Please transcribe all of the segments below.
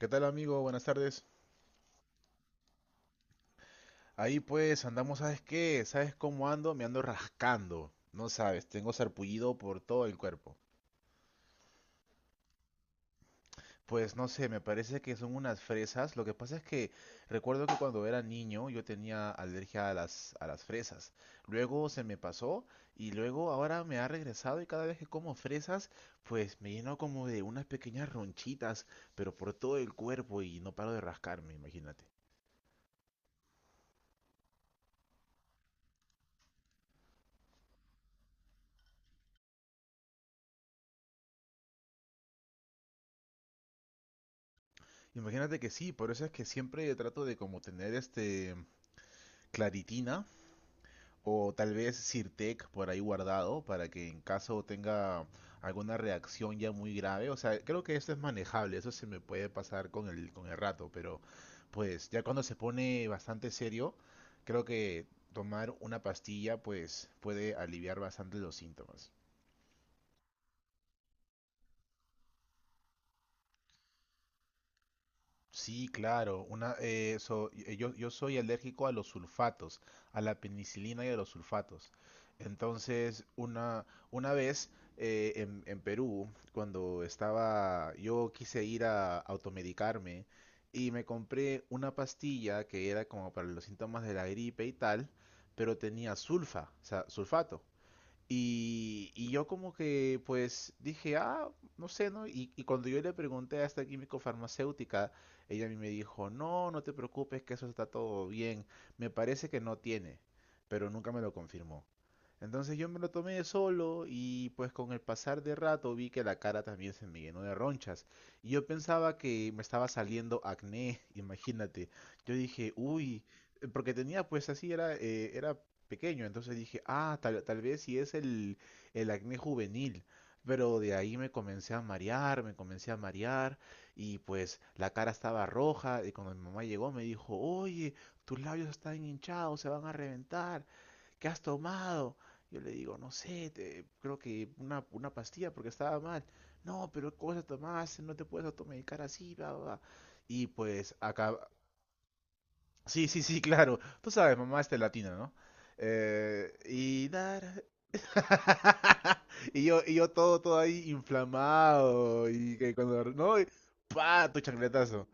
¿Qué tal amigo? Buenas tardes. Ahí pues andamos, ¿sabes qué? ¿Sabes cómo ando? Me ando rascando. No sabes, tengo sarpullido por todo el cuerpo. Pues no sé, me parece que son unas fresas. Lo que pasa es que recuerdo que cuando era niño yo tenía alergia a las fresas. Luego se me pasó y luego ahora me ha regresado y cada vez que como fresas pues me lleno como de unas pequeñas ronchitas, pero por todo el cuerpo y no paro de rascarme, imagínate. Imagínate que sí, por eso es que siempre trato de como tener este claritina o tal vez Sirtec por ahí guardado para que en caso tenga alguna reacción ya muy grave, o sea, creo que eso es manejable, eso se me puede pasar con el rato, pero pues ya cuando se pone bastante serio, creo que tomar una pastilla pues puede aliviar bastante los síntomas. Sí, claro. Yo soy alérgico a los sulfatos, a la penicilina y a los sulfatos. Entonces, una vez en Perú, cuando estaba, yo quise ir a automedicarme y me compré una pastilla que era como para los síntomas de la gripe y tal, pero tenía sulfa, o sea, sulfato. Y yo como que pues dije, ah, no sé, ¿no? Y cuando yo le pregunté a esta químico farmacéutica, ella a mí me dijo, no, no te preocupes, que eso está todo bien. Me parece que no tiene, pero nunca me lo confirmó. Entonces yo me lo tomé solo y pues con el pasar de rato vi que la cara también se me llenó de ronchas. Y yo pensaba que me estaba saliendo acné, imagínate. Yo dije, uy, porque tenía pues así, era pequeño. Entonces dije, ah, tal vez si es el acné juvenil. Pero de ahí me comencé a marear, me comencé a marear y pues la cara estaba roja y cuando mi mamá llegó me dijo, oye, tus labios están hinchados, se van a reventar, ¿qué has tomado? Yo le digo, no sé, creo que una pastilla porque estaba mal. No, pero ¿qué cosa tomaste? No te puedes automedicar así, bla, bla, bla". Y pues sí, sí, sí, claro. Tú sabes, mamá este latina, ¿no? Y dar. Y yo todo ahí inflamado. Y que cuando, ¿no? Y ¡pa! Tu chancletazo.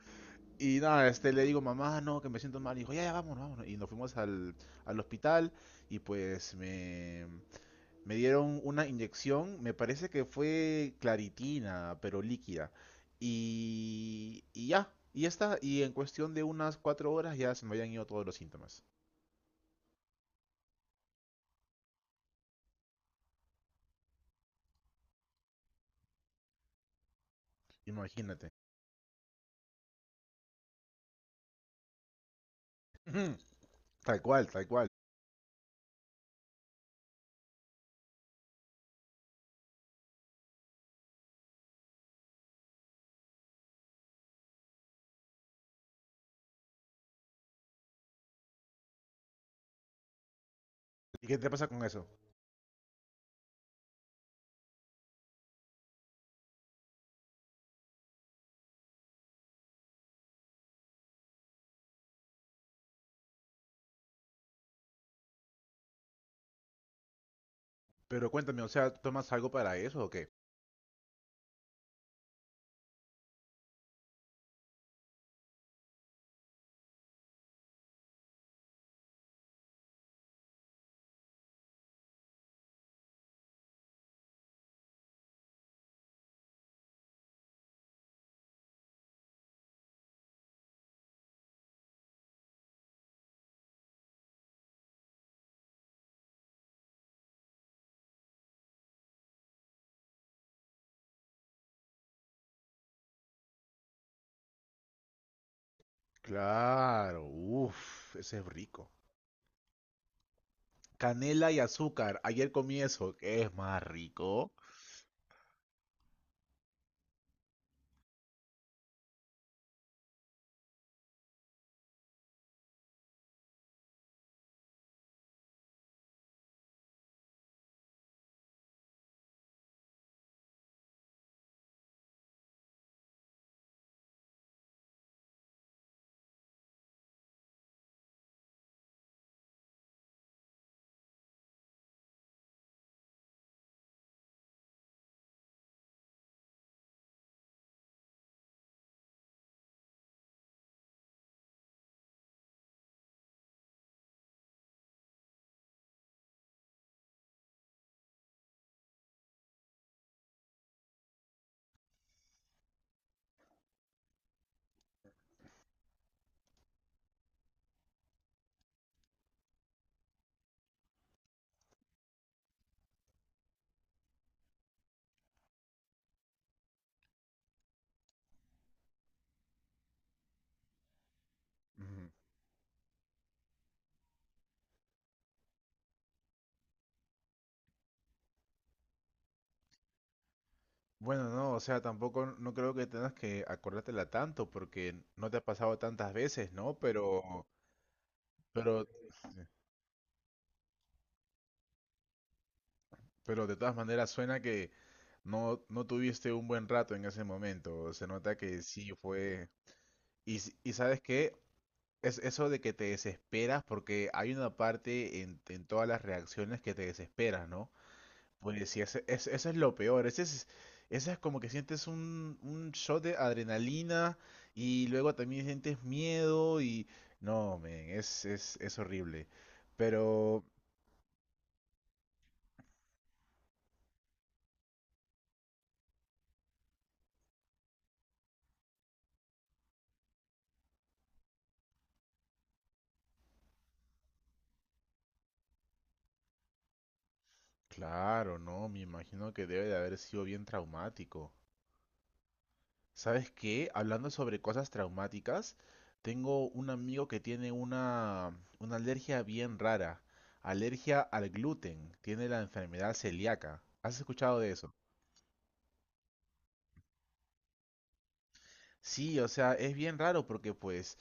Y nada, este, le digo, mamá, no, que me siento mal. Y dijo, ya, ya, vámonos, vámonos. Y nos fuimos al hospital. Y pues me dieron una inyección, me parece que fue claritina, pero líquida. Y ya, y ya está. Y en cuestión de unas 4 horas ya se me habían ido todos los síntomas. Imagínate. Ujú. Tal cual, tal cual. ¿Y qué te pasa con eso? Pero cuéntame, o sea, ¿tomas algo para eso o qué? Claro, uff, ese es rico. Canela y azúcar. Ayer comí eso, que es más rico. Ujú. Bueno, no, o sea, tampoco no creo que tengas que acordártela tanto porque no te ha pasado tantas veces, ¿no? Pero, pero de todas maneras suena que no, no tuviste un buen rato en ese momento. Se nota que sí fue. Y ¿sabes qué? Es eso de que te desesperas porque hay una parte en todas las reacciones que te desesperas, ¿no? Pues sí, eso es lo peor. Ese es como que sientes un shot de adrenalina y luego también sientes miedo y... No, men, es horrible. Pero, claro, no, me imagino que debe de haber sido bien traumático. ¿Sabes qué? Hablando sobre cosas traumáticas, tengo un amigo que tiene una alergia bien rara. Alergia al gluten. Tiene la enfermedad celíaca. ¿Has escuchado de eso? Sí, o sea, es bien raro porque pues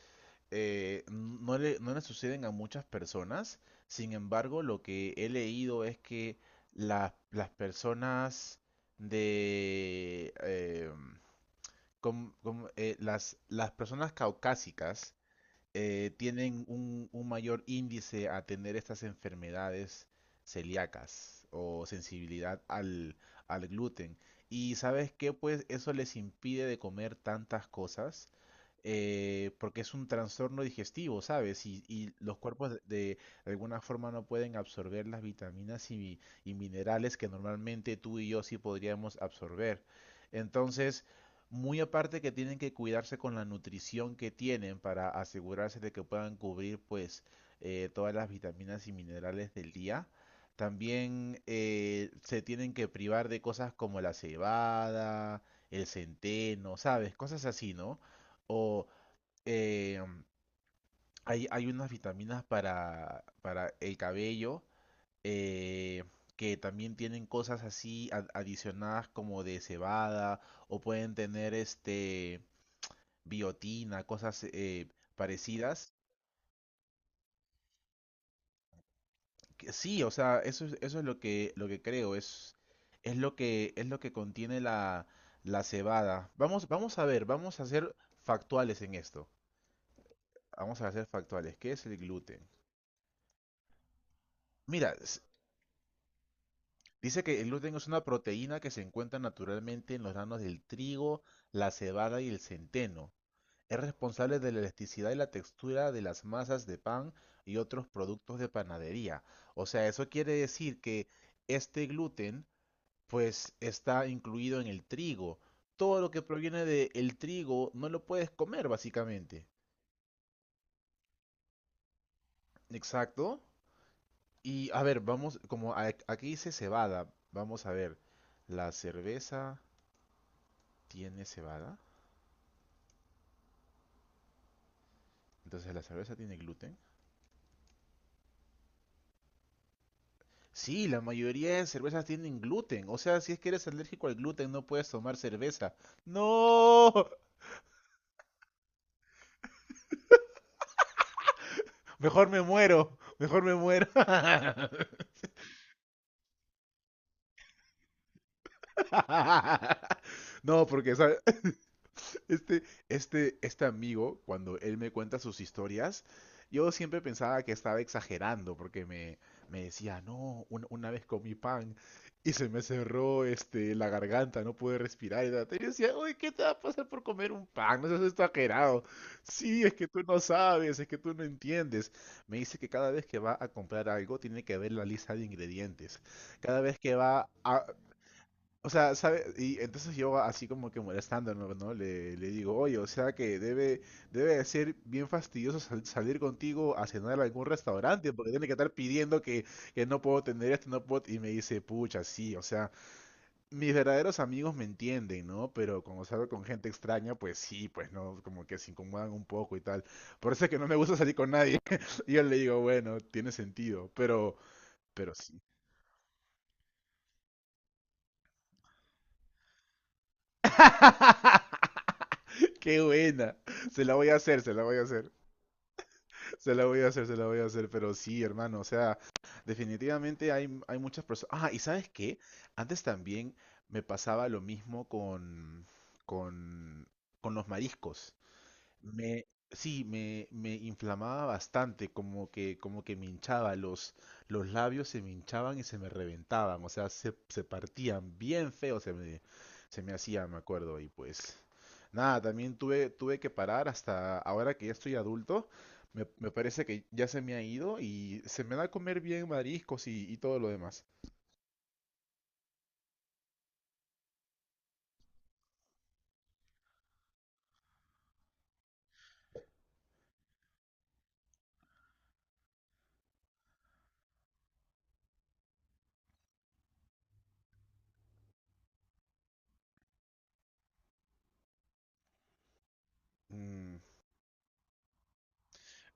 no le suceden a muchas personas. Sin embargo, lo que he leído es que la- las personas de las personas caucásicas tienen un mayor índice a tener estas enfermedades celíacas o sensibilidad al gluten. Y ¿sabes qué? Pues eso les impide de comer tantas cosas porque es un trastorno digestivo, ¿sabes? Y los cuerpos de alguna forma no pueden absorber las vitaminas y minerales que normalmente tú y yo sí podríamos absorber. Entonces, muy aparte que tienen que cuidarse con la nutrición que tienen para asegurarse de que puedan cubrir pues todas las vitaminas y minerales del día. También se tienen que privar de cosas como la cebada, el centeno, ¿sabes? Cosas así, ¿no? O eh, hay unas vitaminas para el cabello eh, que también tienen cosas así adicionadas como de cebada o pueden tener este biotina, cosas parecidas. Que sí, o sea, eso es lo que creo, es lo que contiene la cebada. Vamos a ver, vamos a ser factuales en esto. Vamos a ser factuales. ¿Qué es el gluten? Mira, dice que el gluten es una proteína que se encuentra naturalmente en los granos del trigo, la cebada y el centeno. Es responsable de la elasticidad y la textura de las masas de pan y otros productos de panadería. O sea, eso quiere decir que este gluten, pues, está incluido en el trigo. Todo lo que proviene del trigo no lo puedes comer, básicamente. Exacto. Y a ver, vamos, como aquí dice cebada, vamos a ver. La cerveza tiene cebada. Entonces, ¿la cerveza tiene gluten? Sí, la mayoría de cervezas tienen gluten. O sea, si es que eres alérgico al gluten, no puedes tomar cerveza. No, mejor me muero, mejor me muero. No, porque ¿sabe? Este, este amigo, cuando él me cuenta sus historias, yo siempre pensaba que estaba exagerando porque me decía, no, una vez comí pan y se me cerró este, la garganta, no pude respirar. Y, tal". Y yo decía, oye, ¿qué te va a pasar por comer un pan? No seas exagerado. Sí, es que tú no sabes, es que tú no entiendes. Me dice que cada vez que va a comprar algo tiene que ver la lista de ingredientes. Cada vez que va a, o sea, ¿sabe? Y entonces yo así como que molestándome, ¿no? Le digo, oye, o sea que debe de ser bien fastidioso salir contigo a cenar a algún restaurante, porque tiene que estar pidiendo que no puedo tener esto, no puedo... Y me dice, pucha, sí, o sea, mis verdaderos amigos me entienden, ¿no? Pero cuando salgo con gente extraña, pues sí, pues no, como que se incomodan un poco y tal. Por eso es que no me gusta salir con nadie. Y yo le digo, bueno, tiene sentido, pero, sí. Qué buena. Se la voy a hacer, se la voy a hacer. Se la voy a hacer, se la voy a hacer. Pero sí, hermano, o sea, definitivamente hay muchas personas. Ah, y ¿sabes qué? Antes también me pasaba lo mismo con, con, con los mariscos. Me, sí, me inflamaba bastante, como que me hinchaba, los labios se me hinchaban y se me reventaban, o sea, se partían bien feo, se me hacía, me acuerdo, y pues nada, también tuve que parar hasta ahora que ya estoy adulto, me parece que ya se me ha ido y se me da a comer bien mariscos y todo lo demás. Mm.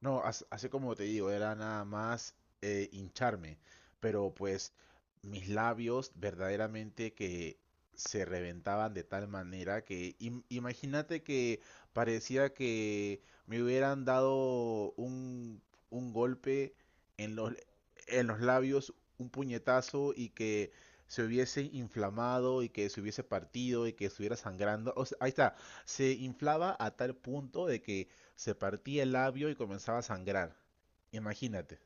No, así como te digo, era nada más hincharme, pero pues mis labios verdaderamente que se reventaban de tal manera que imagínate que parecía que me hubieran dado un golpe en los, en los labios, un puñetazo y que se hubiese inflamado y que se hubiese partido y que estuviera sangrando. O sea, ahí está, se inflaba a tal punto de que se partía el labio y comenzaba a sangrar. Imagínate.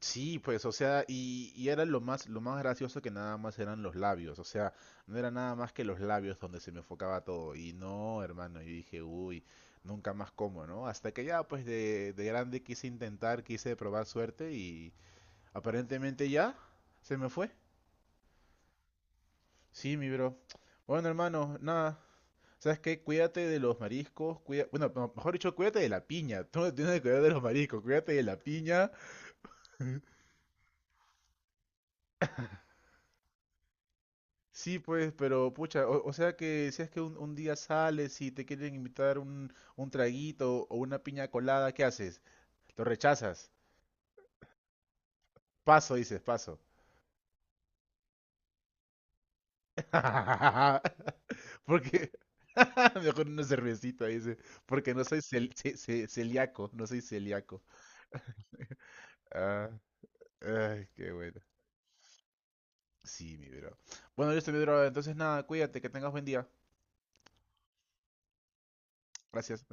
Sí, pues, o sea, y era lo más gracioso que nada más eran los labios, o sea, no era nada más que los labios donde se me enfocaba todo. Y no, hermano, yo dije, uy, nunca más como, ¿no? Hasta que ya, pues, de grande quise intentar, quise probar suerte y aparentemente ya se me fue. Sí, mi bro. Bueno, hermano, nada. ¿Sabes qué? Cuídate de los mariscos, cuida... bueno, no, mejor dicho, cuídate de la piña. Tú no tienes que cuidar de los mariscos, cuídate de la piña. Sí, pues, pero pucha, o sea que si es que un día sales y te quieren invitar un traguito o una piña colada, ¿qué haces? Lo rechazas. Paso, dices, paso. Porque mejor una cervecita, dice, porque no soy celíaco, no soy celíaco. Ah, ay, qué bueno. Sí, mi bro. Bueno, yo estoy mi bro. Entonces, nada, cuídate, que tengas buen día. Gracias.